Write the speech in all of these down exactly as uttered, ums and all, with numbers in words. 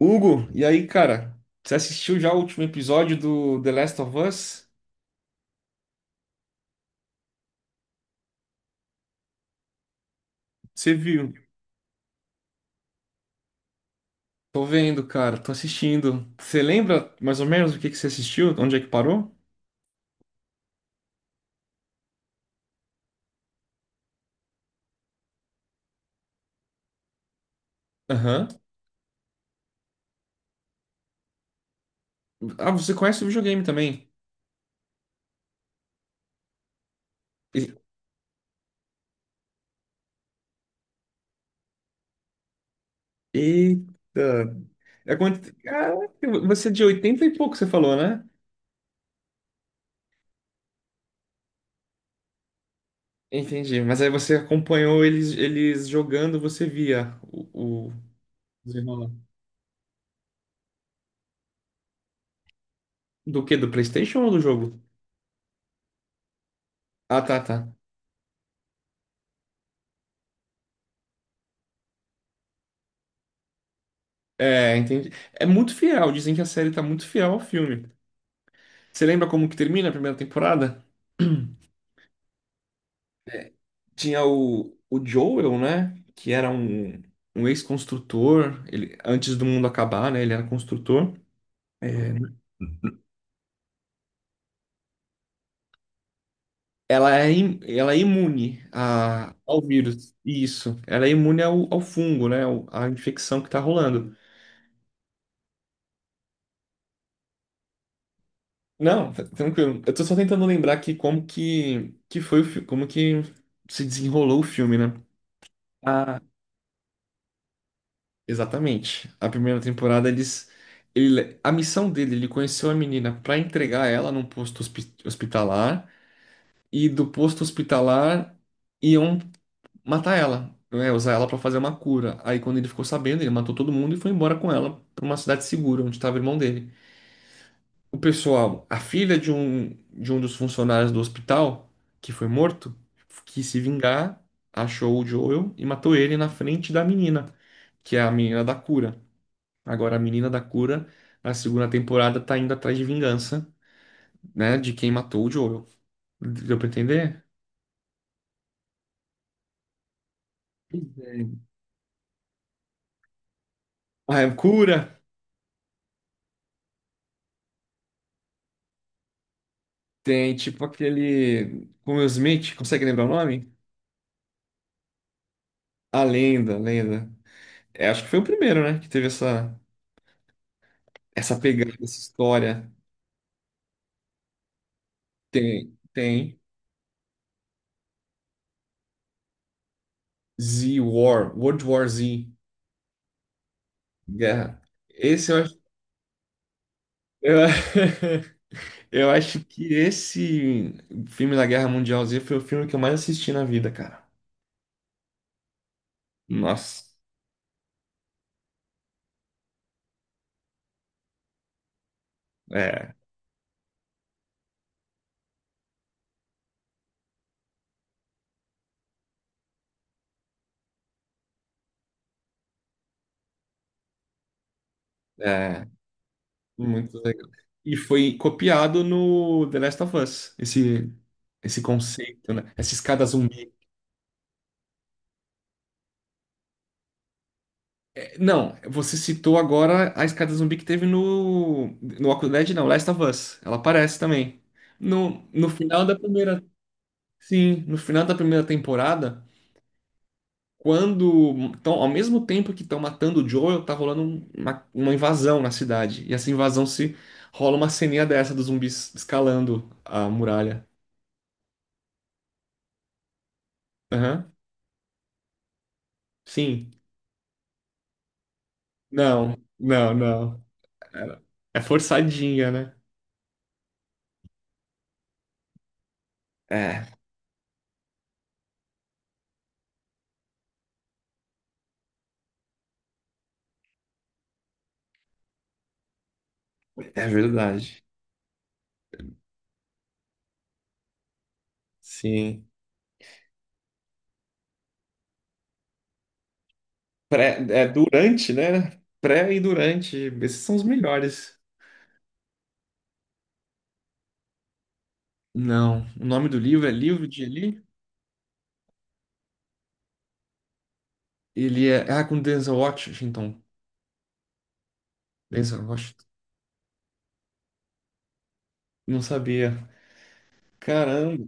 Hugo, e aí, cara? Você assistiu já o último episódio do The Last of Us? Você viu? Tô vendo, cara, tô assistindo. Você lembra mais ou menos o que que você assistiu? Onde é que parou? Aham. Ah, você conhece o videogame também? E- Eita! É quando... Caraca, você é de oitenta e pouco, você falou, né? Entendi, mas aí você acompanhou eles, eles jogando, você via o, o... Desenrolar. Do quê? Do PlayStation ou do jogo? Ah, tá, tá. É, entendi. É muito fiel, dizem que a série tá muito fiel ao filme. Você lembra como que termina a primeira temporada? Tinha o, o Joel, né? Que era um, um ex-construtor, ele, antes do mundo acabar, né? Ele era construtor. É. Ela é, im- ela é imune a- ao vírus. Isso. Ela é imune ao, ao fungo, né? Ao- à infecção que tá rolando. Não, tá tranquilo. Eu tô só tentando lembrar aqui como que, que foi o fi- como que se desenrolou o filme, né? Exatamente. A primeira temporada eles ele a missão dele, ele conheceu a menina para entregar ela num posto hospi- hospitalar, e do posto hospitalar iam matar ela, né, usar ela para fazer uma cura. Aí quando ele ficou sabendo, ele matou todo mundo e foi embora com ela para uma cidade segura onde estava o irmão dele. O pessoal, a filha de um de um dos funcionários do hospital que foi morto quis se vingar, achou o Joel e matou ele na frente da menina, que é a menina da cura. Agora, a Menina da Cura, na segunda temporada, tá indo atrás de vingança, né? De quem matou o Joel. Deu pra entender? Entendi. A cura tem, tipo, aquele... Como Will Smith, consegue lembrar o nome? A Lenda, a Lenda. É, acho que foi o primeiro, né? Que teve essa, essa pegada, essa história. Tem, tem. Z War, World War Z, Guerra. Esse eu acho... Eu, eu acho que esse filme da Guerra Mundial Z foi o filme que eu mais assisti na vida, cara. Nossa, é, é muito legal. E foi copiado no The Last of Us, esse, esse conceito, né? Essa escada zumbi. É. Não, você citou agora a escada zumbi que teve no, no Walking Dead, não, Last of Us. Ela aparece também. No, no final da primeira, sim, no final da primeira temporada. Quando, tão, ao mesmo tempo que estão matando o Joel, tá rolando um- uma, uma invasão na cidade. E essa invasão se rola uma ceninha dessa dos zumbis escalando a muralha. Aham. Sim. Não, não, não. É, é forçadinha, né? É, é verdade. Sim. Pré, é durante, né? Pré e durante. Esses são os melhores. Não. O nome do livro é Livro de Eli? Ele é. Ah, com Denzel Washington. Denzel Washington. Não sabia. Caramba.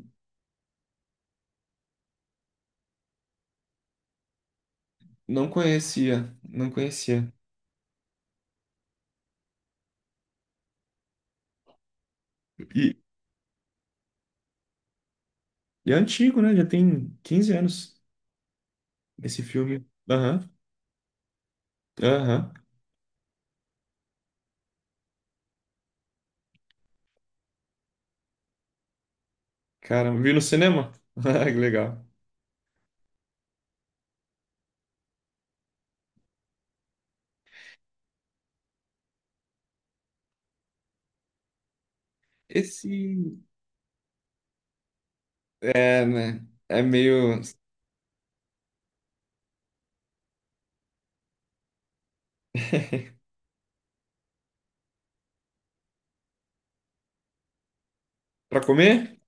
Não conhecia, não conhecia. E, e é antigo, né? Já tem quinze anos esse filme. Aham, aham. Caramba, viu no cinema? Ah, que legal. Esse é, né? É meio. Pra comer?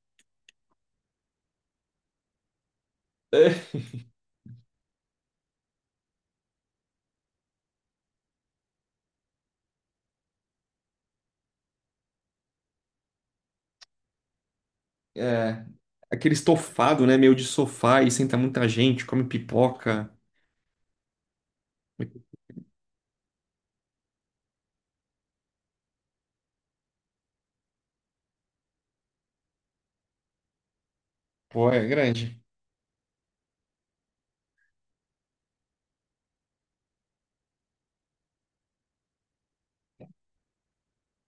É, é, aquele estofado, né? Meio de sofá e senta muita gente, come pipoca. Pô, é grande.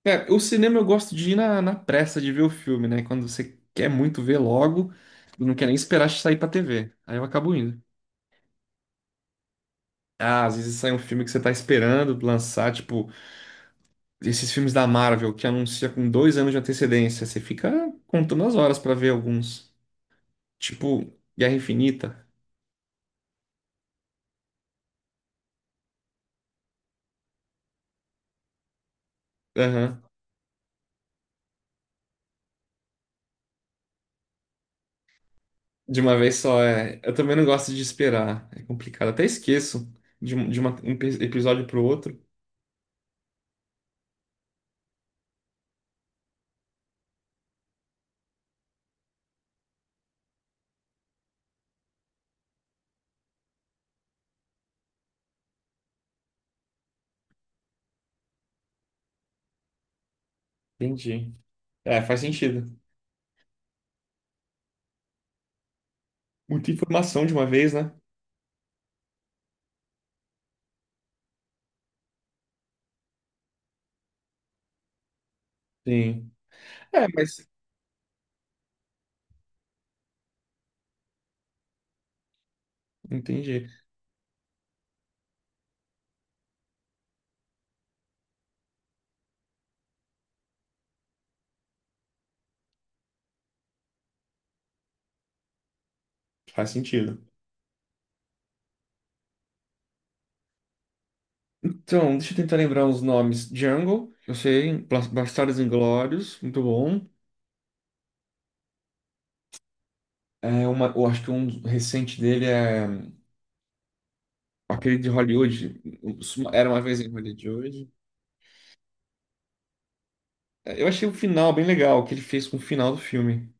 É, o cinema eu gosto de ir na, na pressa de ver o filme, né? Quando você quer muito ver logo, não quer nem esperar sair pra T V. Aí eu acabo indo. Ah, às vezes sai um filme que você tá esperando lançar, tipo, esses filmes da Marvel que anuncia com dois anos de antecedência. Você fica contando as horas pra ver alguns. Tipo, Guerra Infinita. Aham. De uma vez só, é. Eu também não gosto de esperar. É complicado. Até esqueço de, um- de uma- um pe- episódio pro outro. Entendi. É, faz sentido. Muita informação de uma vez, né? Sim. É, mas entendi. Faz sentido. Então, deixa eu tentar lembrar os nomes. Jungle, eu sei. Blas- Bastardos Inglórios, muito bom. É uma, eu acho que um recente dele é aquele de Hollywood. Era uma vez em Hollywood. É, eu achei o final bem legal, o que ele fez com o final do filme.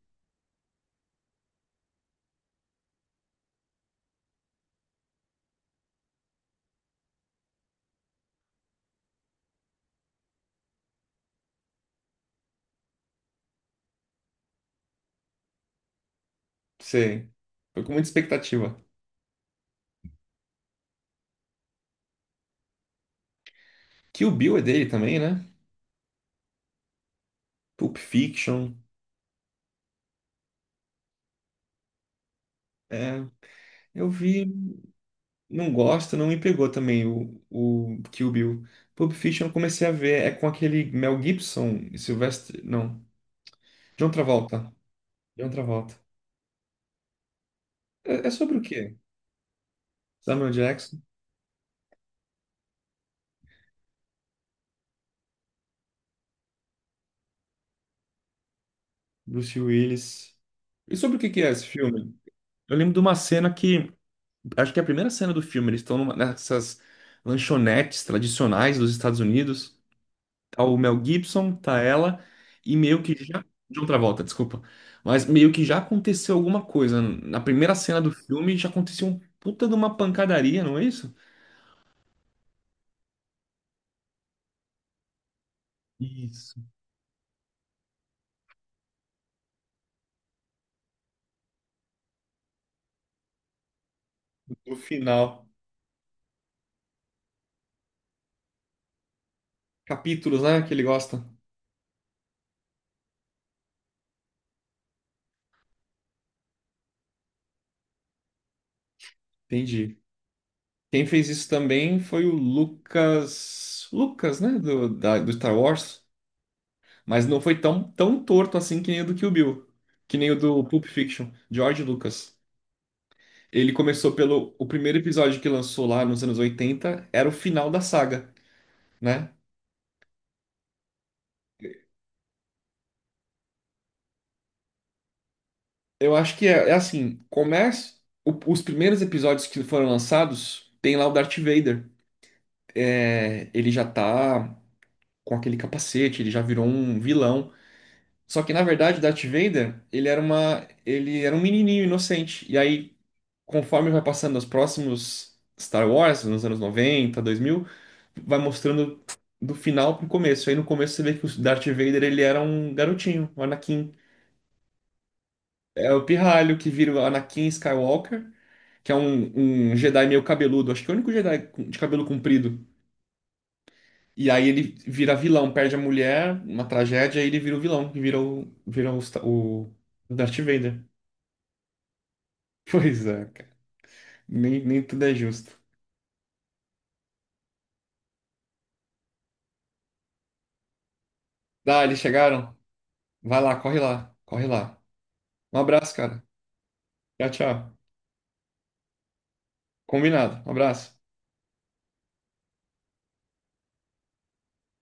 Sei. Foi com muita expectativa. Kill Bill é dele também, né? Pulp Fiction. É, eu vi, não gosto, não me pegou também o, o Kill Bill. Pulp Fiction eu comecei a ver, é com aquele Mel Gibson e Sylvester. Não, John Travolta. John Travolta. É, é sobre o quê? Samuel Jackson, Bruce Willis. E sobre o que que é esse filme? Eu lembro de uma cena que. Acho que é a primeira cena do filme. Eles estão numa- nessas lanchonetes tradicionais dos Estados Unidos. Tá o Mel Gibson, tá ela. E meio que já. John Travolta, desculpa. Mas meio que já aconteceu alguma coisa. Na primeira cena do filme já aconteceu um puta de uma pancadaria, não é isso? Isso. No final. Capítulos, né? Que ele gosta. Entendi. Quem fez isso também foi o Lucas. Lucas, né? Do, da- do Star Wars. Mas não foi tão, tão torto assim que nem o do Kill Bill. Que nem o do Pulp Fiction. George Lucas. Ele começou pelo. O primeiro episódio que lançou lá nos anos oitenta, era o final da saga, né? Eu acho que é, é assim: começa. O- os primeiros episódios que foram lançados, tem lá o Darth Vader. É, ele já tá com aquele capacete, ele já virou um vilão. Só que na verdade Darth Vader, ele era uma, ele era um menininho inocente. E aí, conforme vai passando os próximos Star Wars, nos anos noventa, dois mil, vai mostrando do final pro começo. Aí no começo você vê que o Darth Vader, ele era um garotinho, um Anakin. É o pirralho que vira o Anakin Skywalker, que é um, um Jedi meio cabeludo, acho que é o único Jedi com- de cabelo comprido. E aí ele vira vilão, perde a mulher, uma tragédia, e ele vira o vilão, que vira o, vira o, Sta- o Darth Vader. Pois é. Nem, nem tudo é justo. Dá, eles chegaram? Vai lá, corre lá, corre lá. Um abraço, cara. Tchau, tchau. Combinado. Um abraço.